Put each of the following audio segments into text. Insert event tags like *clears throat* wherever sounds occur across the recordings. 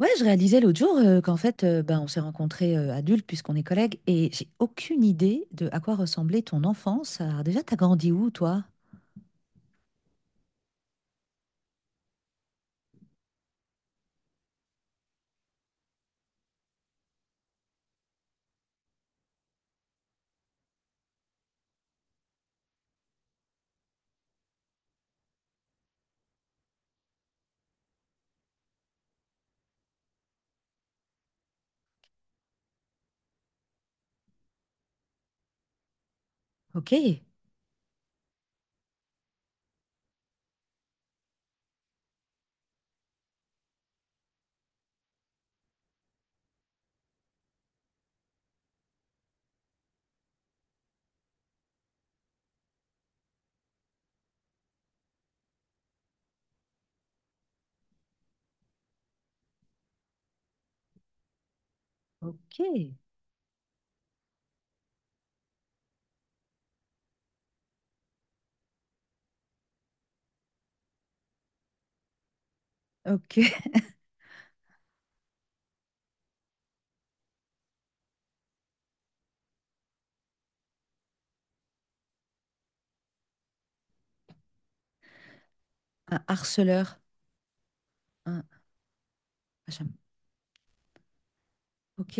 Ouais, je réalisais l'autre jour qu'en fait, ben, on s'est rencontrés adultes puisqu'on est collègues et j'ai aucune idée de à quoi ressemblait ton enfance. Alors déjà, t'as grandi où, toi? Ok, ok, ok. *laughs* Un harceleur. Un... ah. Ok,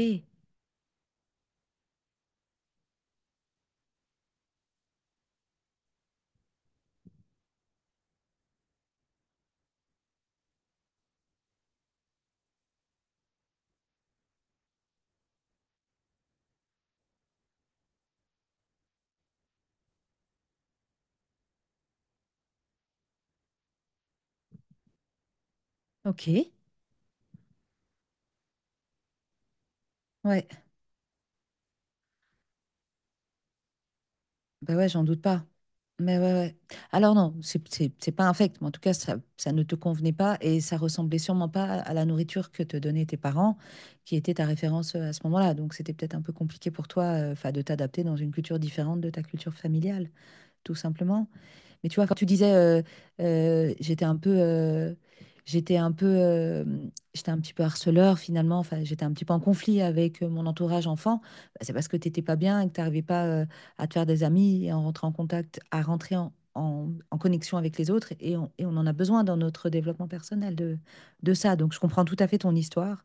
ok. Ouais. Ben ouais, j'en doute pas. Mais ouais, ouais. Alors non, c'est pas infect, mais en tout cas, ça ne te convenait pas et ça ressemblait sûrement pas à la nourriture que te donnaient tes parents, qui était ta référence à ce moment-là. Donc c'était peut-être un peu compliqué pour toi, 'fin, de t'adapter dans une culture différente de ta culture familiale, tout simplement. Mais tu vois, quand tu disais, euh, j'étais un peu, euh, j'étais un peu, euh, j'étais un petit peu harceleur finalement. Enfin, j'étais un petit peu en conflit avec mon entourage enfant. Bah, c'est parce que t'étais pas bien et que t'arrivais pas à te faire des amis et à rentrer en contact, à rentrer en connexion avec les autres. Et on en a besoin dans notre développement personnel de ça. Donc, je comprends tout à fait ton histoire.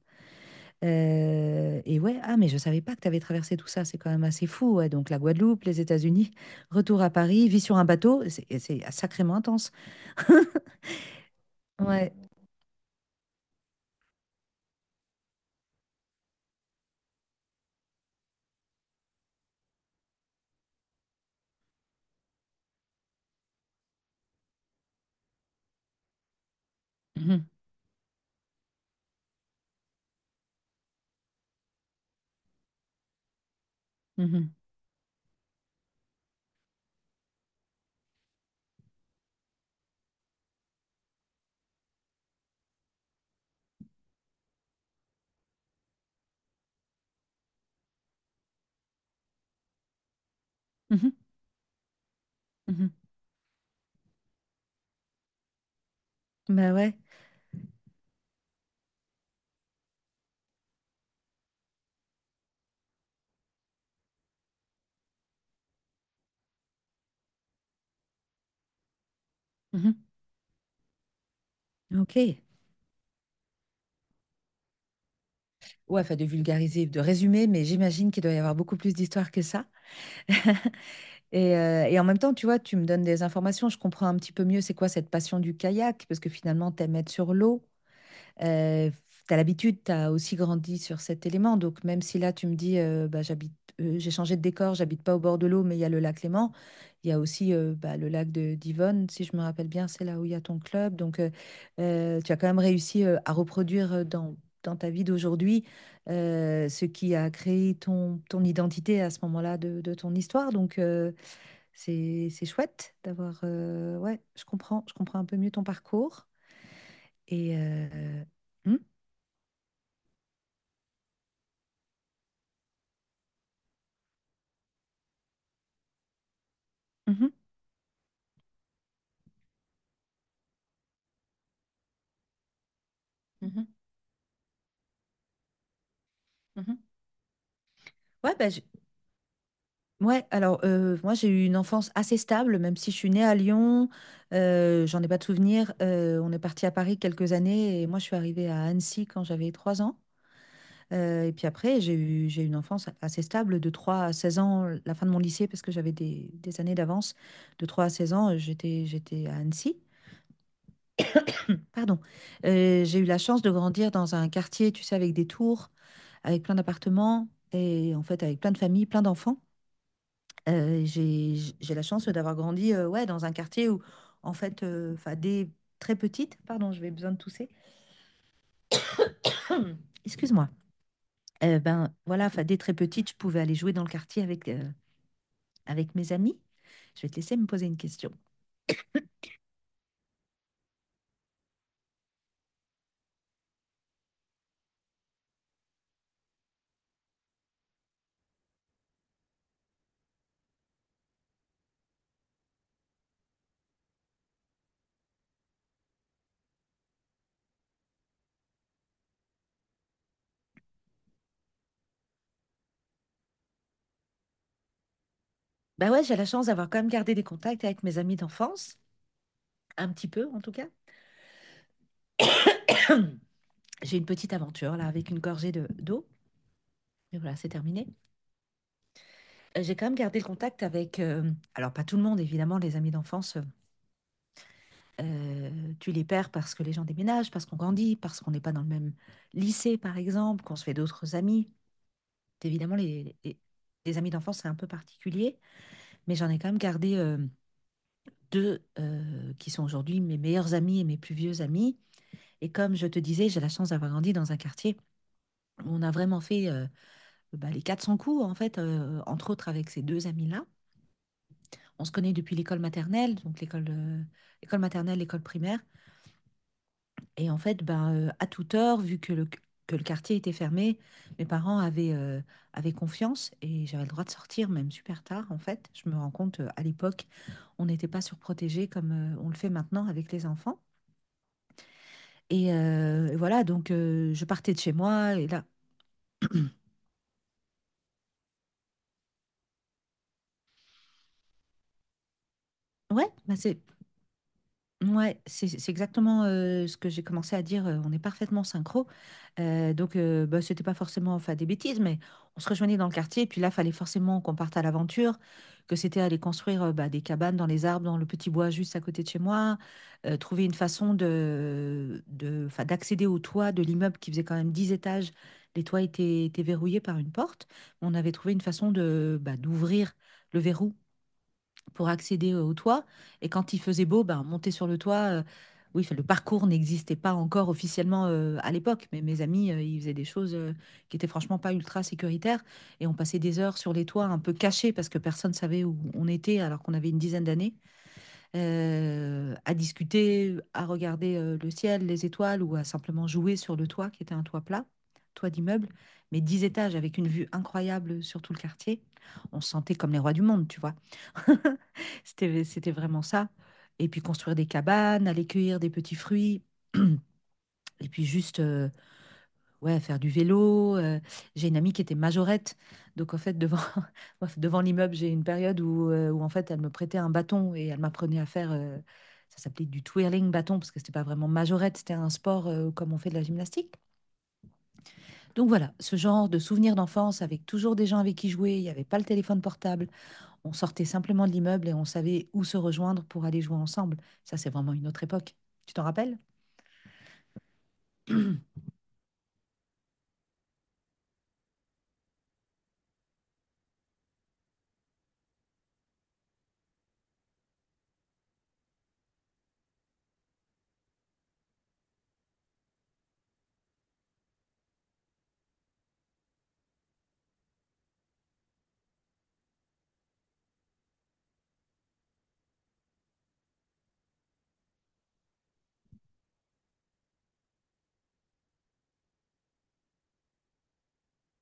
Et ouais, ah, mais je savais pas que tu avais traversé tout ça, c'est quand même assez fou. Ouais. Donc la Guadeloupe, les États-Unis, retour à Paris, vie sur un bateau, c'est sacrément intense. Ouais. Mhm, mhm, mhm, mhm. Bah ouais. Mhm. Ok. Ouais, enfin de vulgariser, de résumer, mais j'imagine qu'il doit y avoir beaucoup plus d'histoires que ça. *laughs* Et en même temps, tu vois, tu me donnes des informations, je comprends un petit peu mieux c'est quoi cette passion du kayak, parce que finalement, t'aimes être sur l'eau. Euh, tu as l'habitude, tu as aussi grandi sur cet élément. Donc, même si là, tu me dis, bah, j'habite, j'ai changé de décor, j'habite pas au bord de l'eau, mais il y a le lac Léman. Il y a aussi bah, le lac de d'Yvonne, si je me rappelle bien, c'est là où il y a ton club. Donc, tu as quand même réussi à reproduire dans, dans ta vie d'aujourd'hui ce qui a créé ton identité à ce moment-là de ton histoire. Donc, c'est chouette d'avoir. Ouais, je comprends un peu mieux ton parcours. Et. euh, hmm, mhm. Mhm, mhm. Ouais, bah, ouais, alors moi j'ai eu une enfance assez stable, même si je suis née à Lyon, j'en ai pas de souvenir. On est parti à Paris quelques années et moi je suis arrivée à Annecy quand j'avais 3 ans. Et puis après, j'ai eu une enfance assez stable de 3 à 16 ans, la fin de mon lycée, parce que j'avais des années d'avance. De 3 à 16 ans, j'étais à Annecy. Pardon. J'ai eu la chance de grandir dans un quartier, tu sais, avec des tours, avec plein d'appartements et en fait avec plein de familles, plein d'enfants. J'ai la chance d'avoir grandi ouais, dans un quartier où, en fait, 'fin, dès très petite, pardon, je vais besoin de tousser, excuse-moi. Ben voilà, 'fin, dès très petite, je pouvais aller jouer dans le quartier avec mes amis. Je vais te laisser me poser une question. Ben ouais, j'ai la chance d'avoir quand même gardé des contacts avec mes amis d'enfance, un petit peu en tout cas. *clears throat* J'ai une petite aventure là avec une gorgée d'eau. Et voilà, c'est terminé. J'ai quand même gardé le contact alors pas tout le monde évidemment, les amis d'enfance. Tu les perds parce que les gens déménagent, parce qu'on grandit, parce qu'on n'est pas dans le même lycée, par exemple, qu'on se fait d'autres amis. Évidemment, les amis d'enfance, c'est un peu particulier, mais j'en ai quand même gardé deux qui sont aujourd'hui mes meilleurs amis et mes plus vieux amis. Et comme je te disais, j'ai la chance d'avoir grandi dans un quartier où on a vraiment fait bah, les 400 coups, en fait, entre autres avec ces deux amis-là. On se connaît depuis l'école maternelle, donc l'école école maternelle, l'école primaire. Et en fait, ben, à toute heure, vu que le quartier était fermé, mes parents avaient confiance et j'avais le droit de sortir, même super tard, en fait. Je me rends compte, à l'époque, on n'était pas surprotégés comme on le fait maintenant avec les enfants. Et voilà, donc je partais de chez moi et là, ouais, bah, c'est Ouais, c'est exactement ce que j'ai commencé à dire. On est parfaitement synchro. Donc, bah, c'était pas forcément enfin, des bêtises, mais on se rejoignait dans le quartier. Puis là, fallait forcément qu'on parte à l'aventure, que c'était aller construire bah, des cabanes dans les arbres, dans le petit bois juste à côté de chez moi, trouver une façon enfin, d'accéder au toit de l'immeuble qui faisait quand même 10 étages. Étaient verrouillés par une porte. On avait trouvé une façon bah, d'ouvrir le verrou pour accéder au toit. Et quand il faisait beau, ben, monter sur le toit, oui, enfin, le parcours n'existait pas encore officiellement à l'époque, mais mes amis, ils faisaient des choses qui étaient franchement pas ultra sécuritaires. Et on passait des heures sur les toits un peu cachés parce que personne savait où on était alors qu'on avait une dizaine d'années, à discuter, à regarder le ciel, les étoiles ou à simplement jouer sur le toit qui était un toit plat, toit d'immeuble, mais dix étages avec une vue incroyable sur tout le quartier. On se sentait comme les rois du monde, tu vois. *laughs* C'était vraiment ça. Et puis construire des cabanes, aller cueillir des petits fruits, et puis juste ouais, faire du vélo. J'ai une amie qui était majorette. Donc en fait, devant, *laughs* bref, devant l'immeuble, j'ai une période où en fait, elle me prêtait un bâton et elle m'apprenait ça s'appelait du twirling bâton, parce que c'était pas vraiment majorette, c'était un sport comme on fait de la gymnastique. Donc voilà, ce genre de souvenirs d'enfance avec toujours des gens avec qui jouer, il n'y avait pas le téléphone portable. On sortait simplement de l'immeuble et on savait où se rejoindre pour aller jouer ensemble. Ça, c'est vraiment une autre époque. Tu t'en rappelles?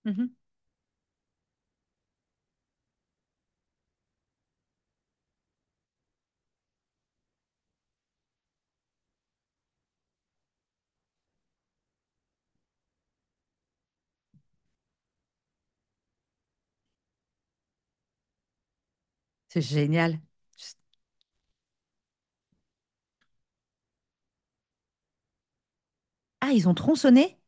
Mhm. C'est génial. Juste- Ah, ils ont tronçonné?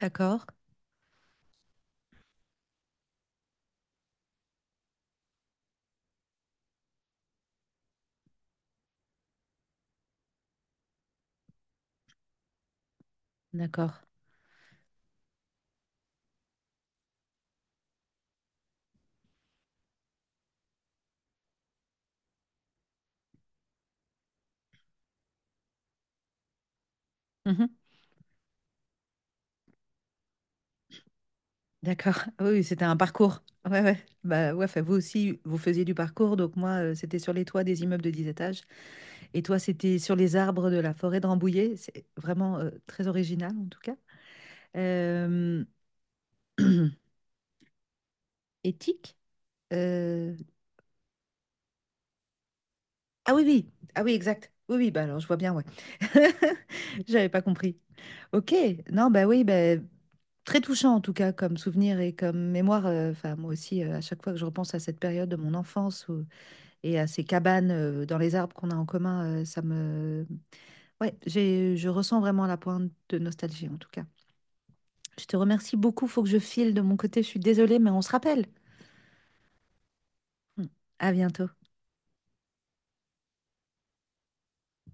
D'accord, d'accord. Mhm. D'accord. *laughs* Oui, oui, c'était un parcours. Ouais, ouais. Bah, ouais, enfin, vous aussi, vous faisiez du parcours. Donc, moi, c'était sur les toits des immeubles de 10 étages. Et toi, c'était sur les arbres de la forêt de Rambouillet. C'est vraiment très original, en tout cas. Euh, *clears throat* Éthique, euh, Ah oui, oui. Ah oui, exact. Oui, oui, bah alors je vois bien, ouais. *laughs* J'avais pas compris. Ok, non, bah oui, bah, très touchant en tout cas comme souvenir et comme mémoire. Enfin, moi aussi, à chaque fois que je repense à cette période de mon enfance et à ces cabanes dans les arbres qu'on a en commun, ça me... Ouais, je ressens vraiment la pointe de nostalgie en tout cas. Je te remercie beaucoup, faut que je file de mon côté, je suis désolée, mais on se rappelle. Mm. À bientôt.